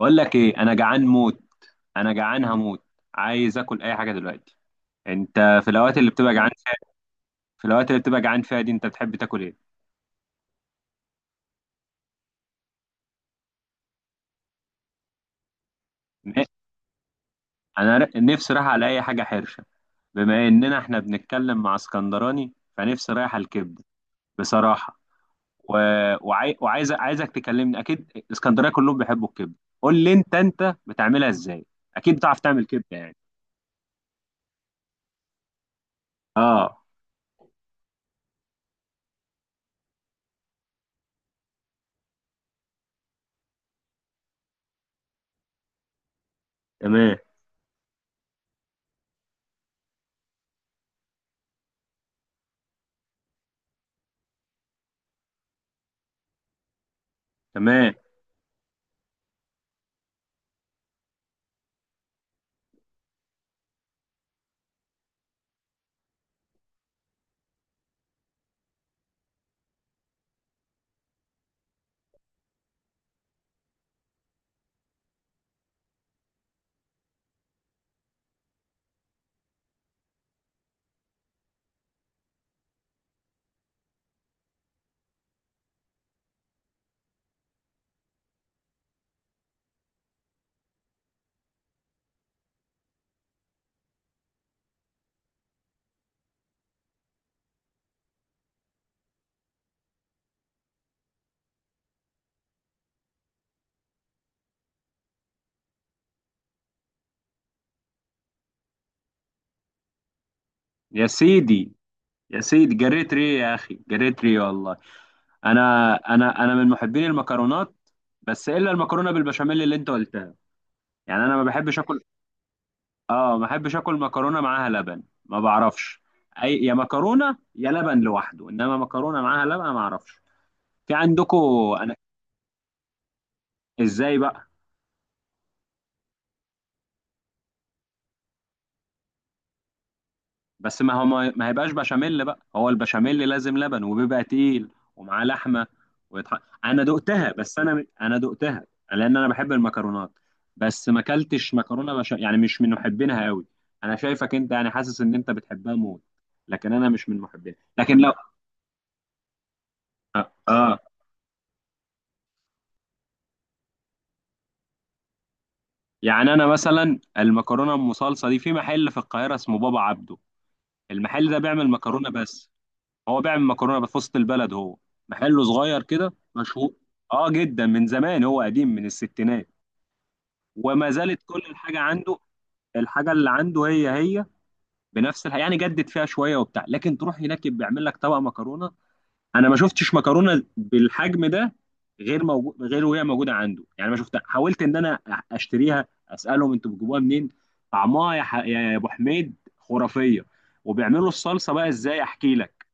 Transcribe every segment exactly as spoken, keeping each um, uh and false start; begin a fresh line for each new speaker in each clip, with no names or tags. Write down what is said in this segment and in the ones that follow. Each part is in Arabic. بقول لك ايه انا جعان موت انا جعان هموت. عايز اكل اي حاجه دلوقتي. انت في الاوقات اللي بتبقى جعان فيها في الاوقات اللي بتبقى جعان فيها دي انت بتحب تاكل ايه؟ م- انا ر- نفسي رايح على اي حاجه حرشه. بما اننا احنا بنتكلم مع اسكندراني فنفسي رايح على الكبده بصراحه. و... وعاي... وعايز عايزك تكلمني، اكيد اسكندريه كلهم بيحبوا الكبده. قول لي انت، انت بتعملها ازاي؟ اكيد بتعرف تعمل كبده يعني. اه. تمام. تمام. يا سيدي، يا سيدي، جريت ريه يا اخي، جريت ريه والله. انا انا انا من محبين المكرونات، بس الا المكرونه بالبشاميل اللي انت قلتها، يعني انا ما بحبش اكل. اه، ما بحبش اكل مكرونه معاها لبن، ما بعرفش. اي يا مكرونه يا لبن لوحده، انما مكرونه معاها لبن ما اعرفش. في عندكم. انا. ازاي بقى؟ بس ما هو ما ما هيبقاش بشاميل بقى، هو البشاميل لازم لبن وبيبقى تقيل ومعاه لحمه. ويتح... انا دقتها، بس انا انا دقتها. لان انا بحب المكرونات، بس ما اكلتش مكرونه بش... يعني مش من محبينها قوي. انا شايفك انت يعني، حاسس ان انت بتحبها موت، لكن انا مش من محبينها، لكن لو. اه. يعني انا مثلا المكرونه ام صلصه دي، في محل في القاهره اسمه بابا عبده. المحل ده بيعمل مكرونه بس. هو بيعمل مكرونه بقى في وسط البلد، هو محله صغير كده، مشهور. اه، جدا من زمان، هو قديم من الستينات. وما زالت كل الحاجه عنده. الحاجه اللي عنده هي هي، بنفس الح... يعني جدد فيها شويه وبتاع، لكن تروح هناك بيعمل لك طبق مكرونه انا ما شفتش مكرونه بالحجم ده، غير موجود، غير وهي موجوده عنده يعني. ما شفتها. حاولت ان انا اشتريها، اسالهم انتوا بتجيبوها منين. طعمها يا, ح... يا ابو حميد خرافيه. وبيعملوا الصلصه بقى ازاي، احكي لك.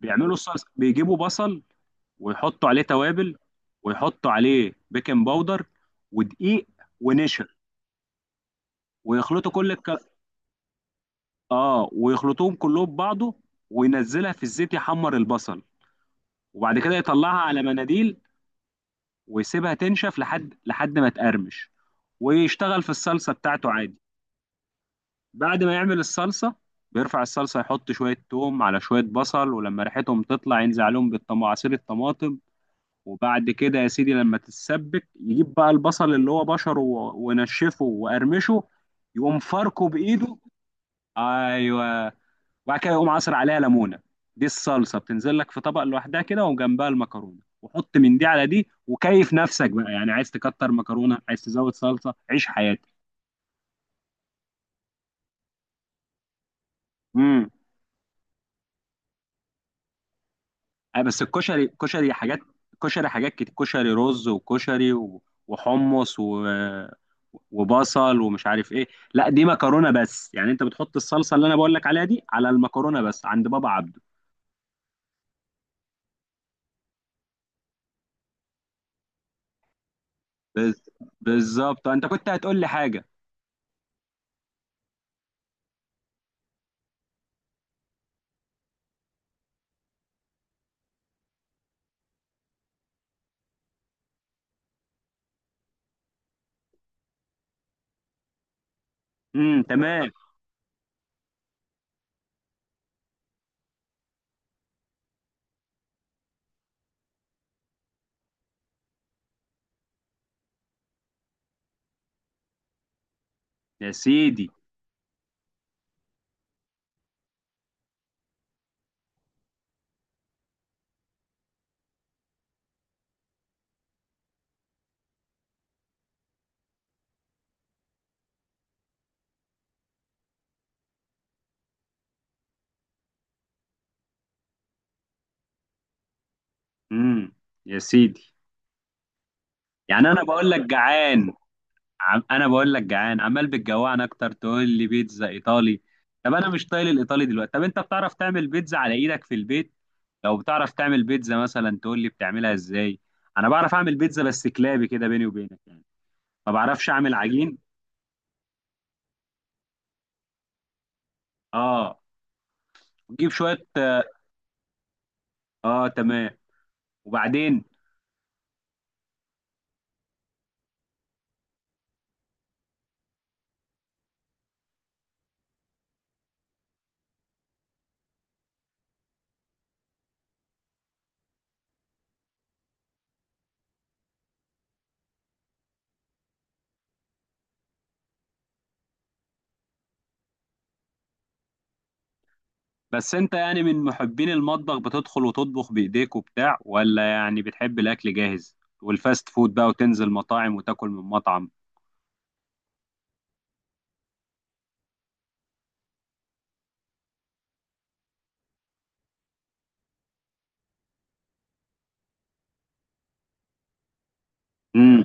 بيعملوا الصلصه، بيجيبوا بصل ويحطوا عليه توابل، ويحطوا عليه بيكنج باودر ودقيق ونشا، ويخلطوا كل الك... اه ويخلطوهم كلهم ببعضه وينزلها في الزيت يحمر البصل. وبعد كده يطلعها على مناديل ويسيبها تنشف لحد لحد ما تقرمش، ويشتغل في الصلصة بتاعته عادي. بعد ما يعمل الصلصة، بيرفع الصلصة، يحط شوية توم على شوية بصل، ولما ريحتهم تطلع ينزل عليهم بالطم- عصير الطماطم. وبعد كده يا سيدي لما تتسبك، يجيب بقى البصل اللي هو بشره و- ونشفه وقرمشه، يقوم فاركه بايده. ايوه. وبعد كده يقوم عصر عليها ليمونه. دي الصلصه بتنزل لك في طبق لوحدها كده، وجنبها المكرونه، وحط من دي على دي، وكيف نفسك بقى. يعني عايز تكتر مكرونه، عايز تزود صلصه، عيش حياتك. أي بس الكشري كشري حاجات كشري حاجات كتير، كشري رز وكشري و- وحمص و... وبصل ومش عارف ايه. لا دي مكرونة بس، يعني انت بتحط الصلصة اللي انا بقول لك عليها دي على المكرونة، بس عند بابا عبده. بس بالظبط انت كنت هتقول لي حاجة. امم تمام. يا سيدي. امم يا سيدي. يعني انا بقول لك جعان. عم... انا بقول لك جعان، عمال بتجوعنا اكتر، تقول لي بيتزا ايطالي. طب انا مش طايل الايطالي دلوقتي. طب انت بتعرف تعمل بيتزا على ايدك في البيت؟ لو بتعرف تعمل بيتزا مثلا، تقول لي بتعملها ازاي. انا بعرف اعمل بيتزا بس كلابي كده بيني وبينك يعني. ما بعرفش اعمل عجين. اه، تجيب شوية. اه، تمام. وبعدين؟ بس انت يعني من محبين المطبخ، بتدخل وتطبخ بايديك وبتاع، ولا يعني بتحب الاكل جاهز والفاست فود بقى، وتنزل مطاعم وتاكل من مطعم؟ امم.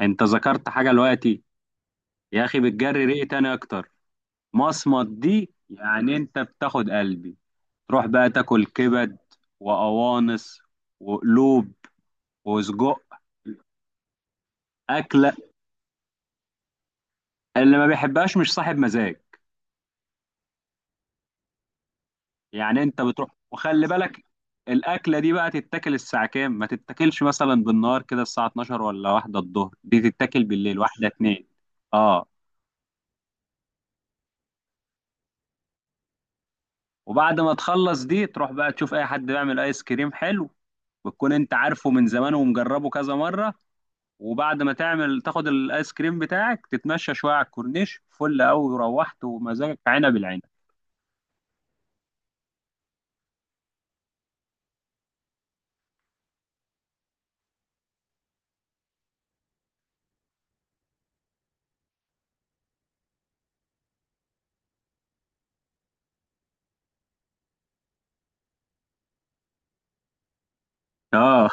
انت ذكرت حاجة دلوقتي يا اخي، بتجري ريقي تاني اكتر. مصمت دي يعني انت بتاخد قلبي. تروح بقى تاكل كبد وقوانص وقلوب وسجق. أكلة، اللي ما بيحبهاش مش صاحب مزاج. يعني أنت بتروح وخلي بالك. الأكلة دي بقى تتاكل الساعة كام؟ ما تتاكلش مثلا بالنهار كده الساعة اتناشر ولا واحدة الظهر، دي تتاكل بالليل واحدة اتنين. اه. وبعد ما تخلص دي، تروح بقى تشوف أي حد بيعمل آيس كريم حلو، وتكون أنت عارفه من زمان ومجربه كذا مرة. وبعد ما تعمل، تاخد الايس كريم بتاعك، تتمشى شويه على الكورنيش، فل قوي، وروحت ومزاجك عنب العنب. اه.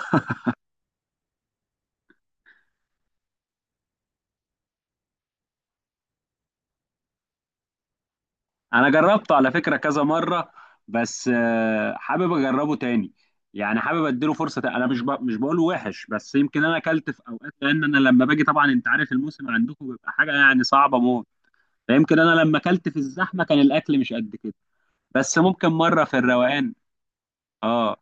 انا جربته على فكره كذا مره، بس آه، حابب اجربه تاني. يعني حابب اديله فرصه تاني. انا مش ب... مش بقوله وحش، بس يمكن انا اكلت في اوقات، لان انا لما باجي طبعا انت عارف الموسم عندكم بيبقى حاجه يعني صعبه موت، فيمكن انا لما اكلت في الزحمه كان الاكل مش قد كده. بس ممكن مره في الروقان. اه.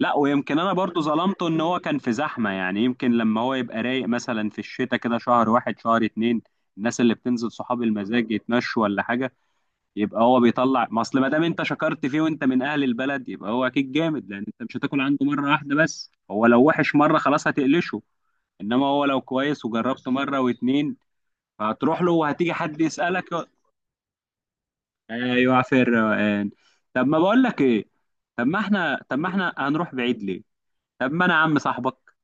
لا ويمكن انا برضو ظلمته، ان هو كان في زحمه، يعني يمكن لما هو يبقى رايق مثلا في الشتاء كده، شهر واحد شهر اتنين، الناس اللي بتنزل صحاب المزاج يتمشوا ولا حاجه، يبقى هو بيطلع. ما اصل ما دام انت شكرت فيه وانت من اهل البلد، يبقى هو اكيد جامد، لان انت مش هتاكل عنده مره واحده بس. هو لو وحش مره خلاص هتقلشه. انما هو لو كويس وجربته مره واتنين، فهتروح له. وهتيجي حد يسالك يقول-. ايوه في الروقان. طب ما بقول لك ايه؟ طب ما احنا، طب ما احنا هنروح بعيد ليه؟ طب ما انا عم صاحبك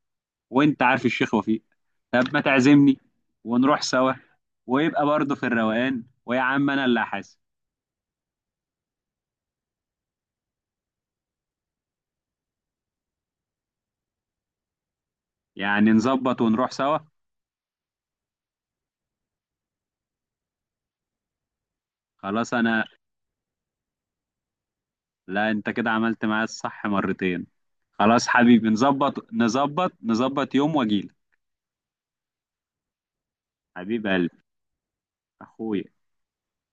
وانت عارف الشيخ وفيق. طب ما تعزمني ونروح سوا، ويبقى برضه في الروقان، ويا عم انا اللي هحاسب. يعني نظبط ونروح سوا. خلاص. انا. لا انت كده عملت معايا الصح مرتين. خلاص حبيبي، نظبط نظبط نظبط يوم واجيلك. حبيب قلبي. اخويا.